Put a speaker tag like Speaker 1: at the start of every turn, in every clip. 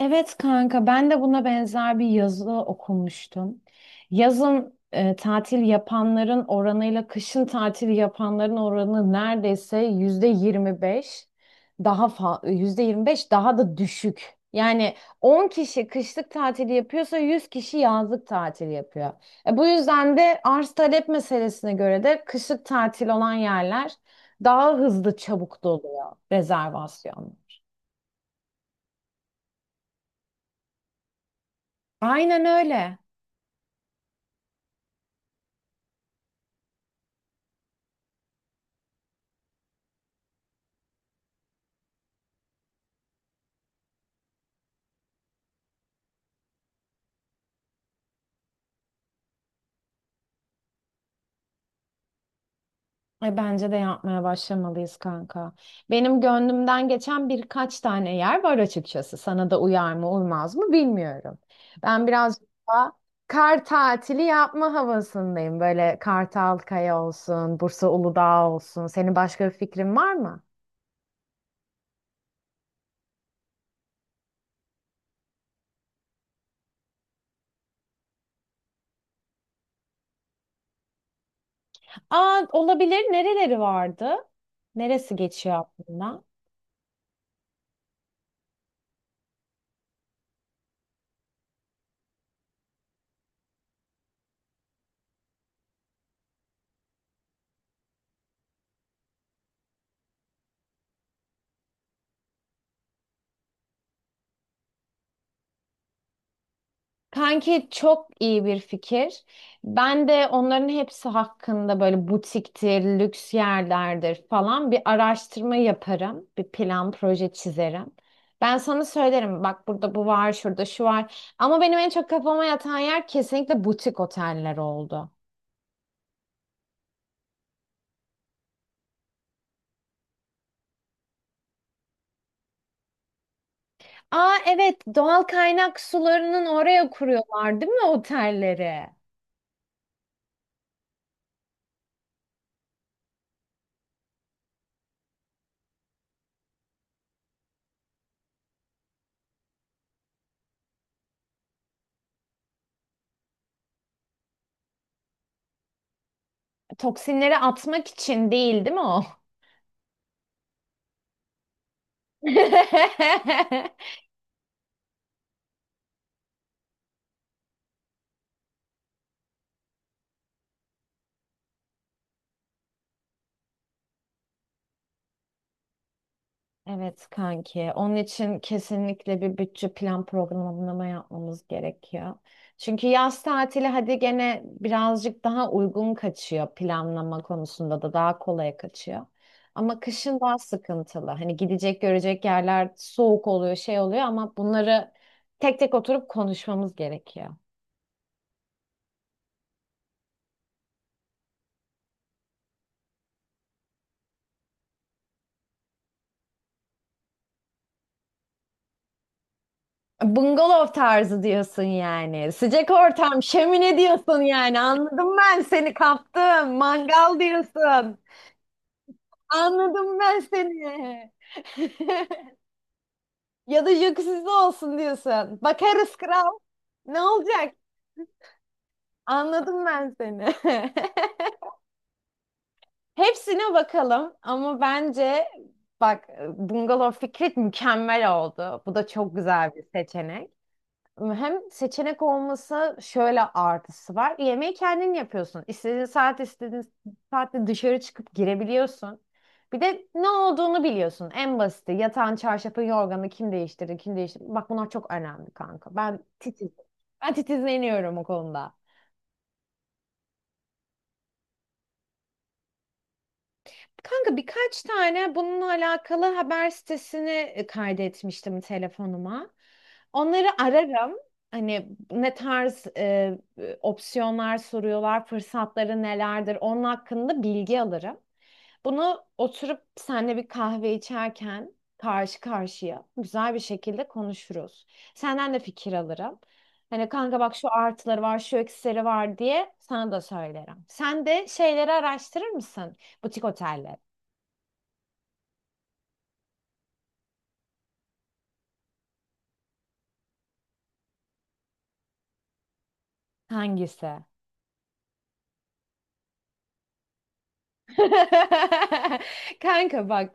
Speaker 1: Evet kanka ben de buna benzer bir yazı okumuştum. Yazın tatil yapanların oranıyla kışın tatil yapanların oranı neredeyse %25 %25 daha da düşük. Yani 10 kişi kışlık tatil yapıyorsa 100 kişi yazlık tatil yapıyor. Bu yüzden de arz talep meselesine göre de kışlık tatil olan yerler daha hızlı çabuk doluyor rezervasyonlar. Aynen öyle. Bence de yapmaya başlamalıyız kanka. Benim gönlümden geçen birkaç tane yer var açıkçası. Sana da uyar mı uymaz mı bilmiyorum. Ben biraz daha kar tatili yapma havasındayım. Böyle Kartalkaya olsun, Bursa Uludağ olsun. Senin başka bir fikrin var mı? Aa, olabilir. Nereleri vardı? Neresi geçiyor aklında? Kanki çok iyi bir fikir. Ben de onların hepsi hakkında böyle butiktir, lüks yerlerdir falan bir araştırma yaparım. Bir plan, proje çizerim. Ben sana söylerim bak burada bu var, şurada şu var. Ama benim en çok kafama yatan yer kesinlikle butik oteller oldu. Aa evet, doğal kaynak sularının oraya kuruyorlar değil mi otelleri? Toksinleri atmak için değil değil mi o? Evet kanki. Onun için kesinlikle bir bütçe plan programlama yapmamız gerekiyor. Çünkü yaz tatili hadi gene birazcık daha uygun kaçıyor, planlama konusunda da daha kolay kaçıyor. Ama kışın daha sıkıntılı. Hani gidecek görecek yerler soğuk oluyor, şey oluyor ama bunları tek tek oturup konuşmamız gerekiyor. Bungalov tarzı diyorsun yani. Sıcak ortam, şömine diyorsun yani. Anladım ben seni, kaptım. Mangal diyorsun. Anladım ben seni. Ya da jacuzzi'de olsun diyorsun. Bakarız kral. Ne olacak? Anladım ben seni. Hepsine bakalım ama bence bak bungalov fikri mükemmel oldu. Bu da çok güzel bir seçenek. Hem seçenek olması şöyle artısı var. Yemeği kendin yapıyorsun. İstediğin saat istediğin saatte dışarı çıkıp girebiliyorsun. Bir de ne olduğunu biliyorsun. En basiti yatağın, çarşafın, yorganı kim değiştirdi, kim değiştirdi. Bak bunlar çok önemli kanka. Ben titiz. Ben titizleniyorum o konuda. Kanka birkaç tane bununla alakalı haber sitesini kaydetmiştim telefonuma. Onları ararım. Hani ne tarz opsiyonlar soruyorlar, fırsatları nelerdir, onun hakkında bilgi alırım. Bunu oturup seninle bir kahve içerken karşı karşıya güzel bir şekilde konuşuruz. Senden de fikir alırım. Hani kanka bak şu artıları var, şu eksileri var diye sana da söylerim. Sen de şeyleri araştırır mısın? Butik oteller. Hangisi? Kanka bak,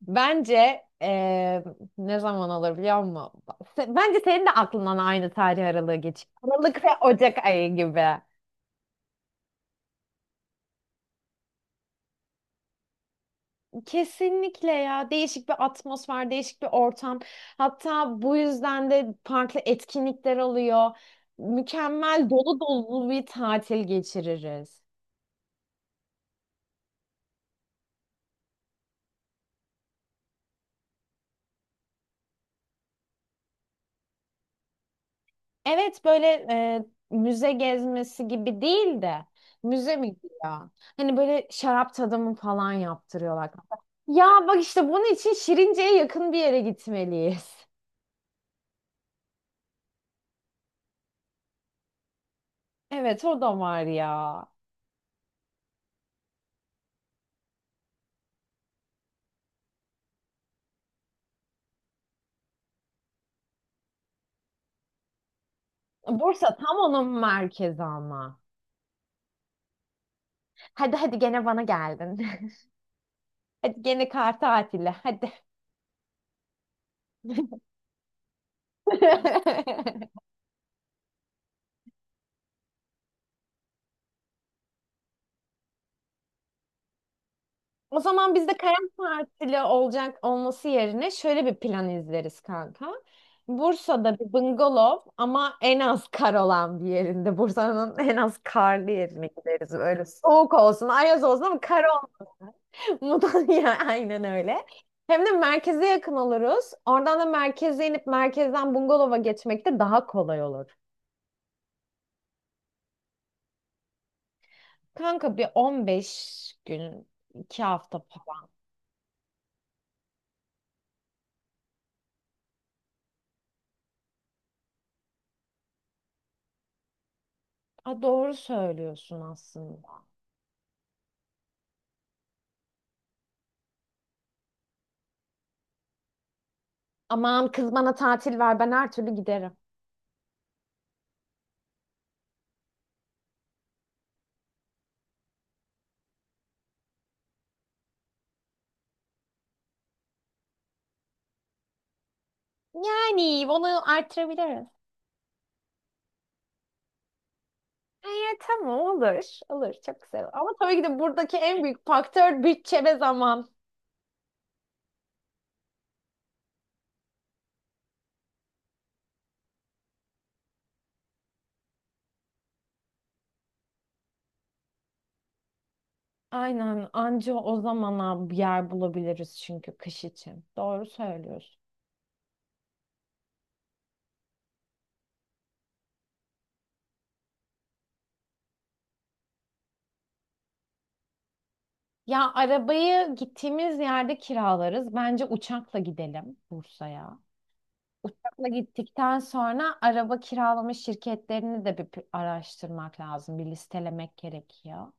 Speaker 1: bence ne zaman olur biliyor musun? Bence senin de aklından aynı tarih aralığı geçiyor. Aralık ve Ocak ayı gibi. Kesinlikle ya, değişik bir atmosfer, değişik bir ortam. Hatta bu yüzden de farklı etkinlikler oluyor. Mükemmel dolu dolu bir tatil geçiririz. Evet böyle müze gezmesi gibi değil de, müze mi ya? Hani böyle şarap tadımı falan yaptırıyorlar. Ya bak işte bunun için Şirince'ye yakın bir yere gitmeliyiz. Evet o da var ya. Bursa tam onun merkezi ama. Hadi hadi gene bana geldin. Hadi gene kar tatili hadi. O zaman bizde karar partili olacak olması yerine şöyle bir plan izleriz kanka. Bursa'da bir bungalov ama en az kar olan bir yerinde. Bursa'nın en az karlı yerine gideriz. Öyle soğuk olsun, ayaz olsun ama kar olmadan. Mudanya, aynen öyle. Hem de merkeze yakın oluruz. Oradan da merkeze inip merkezden bungalova geçmek de daha kolay olur. Kanka bir 15 gün, 2 hafta falan. Aa, doğru söylüyorsun aslında. Aman kız bana tatil ver, ben her türlü giderim. Yani onu artırabiliriz. Evet tamam, olur. Olur, çok güzel. Ama tabii ki de buradaki en büyük faktör bütçe ve zaman. Aynen, anca o zamana bir yer bulabiliriz çünkü kış için. Doğru söylüyorsun. Ya arabayı gittiğimiz yerde kiralarız. Bence uçakla gidelim Bursa'ya. Uçakla gittikten sonra araba kiralama şirketlerini de bir araştırmak lazım. Bir listelemek gerekiyor.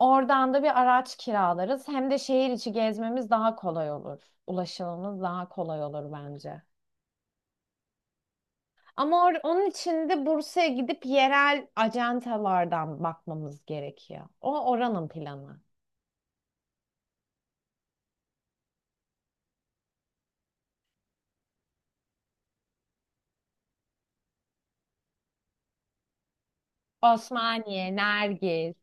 Speaker 1: Oradan da bir araç kiralarız. Hem de şehir içi gezmemiz daha kolay olur. Ulaşımımız daha kolay olur bence. Ama onun için de Bursa'ya gidip yerel ajantalardan bakmamız gerekiyor. O oranın planı. Osmaniye, Nergis.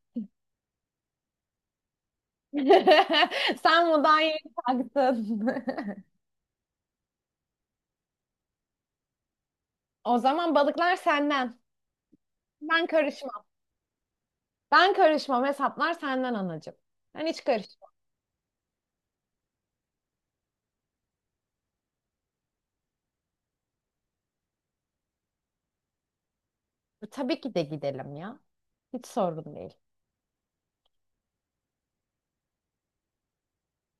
Speaker 1: Sen Mudanya'yı taktın. O zaman balıklar senden. Ben karışmam. Ben karışmam. Hesaplar senden anacığım. Ben hiç karışmam. Tabii ki de gidelim ya. Hiç sorun değil.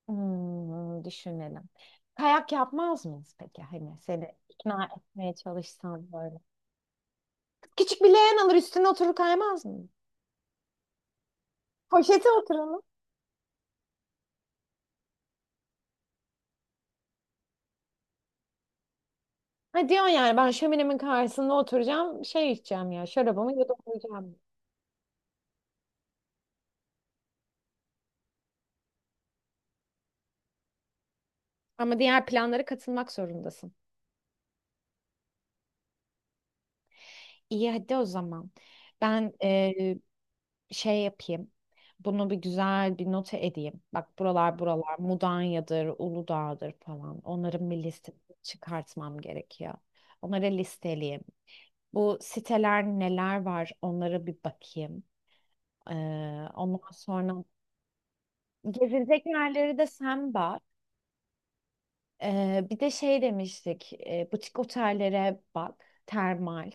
Speaker 1: Hmm, düşünelim. Kayak yapmaz mıyız peki? Hani seni ikna etmeye çalışsam böyle. Küçük bir leğen alır üstüne oturur kaymaz mı? Poşete oturalım. Ha diyorsun yani, ben şöminemin karşısında oturacağım şey içeceğim ya, şarabımı yudumlayacağım. Ama diğer planlara katılmak zorundasın. İyi hadi o zaman. Ben şey yapayım. Bunu bir güzel bir nota edeyim. Bak buralar buralar Mudanya'dır, Uludağ'dır falan. Onların bir listesini çıkartmam gerekiyor. Onları listeleyeyim. Bu siteler neler var onlara bir bakayım. Ee, ondan sonra gezilecek yerleri de sen bak. Bir de şey demiştik, butik otellere bak, termal.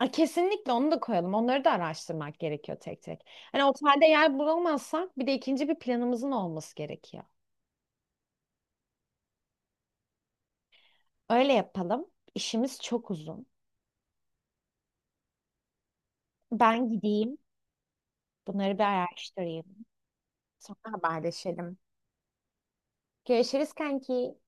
Speaker 1: Aa, kesinlikle onu da koyalım. Onları da araştırmak gerekiyor tek tek. Hani otelde yer bulamazsak bir de ikinci bir planımızın olması gerekiyor. Öyle yapalım. İşimiz çok uzun. Ben gideyim. Bunları bir araştırayım. Sonra haberleşelim. Görüşürüz kanki.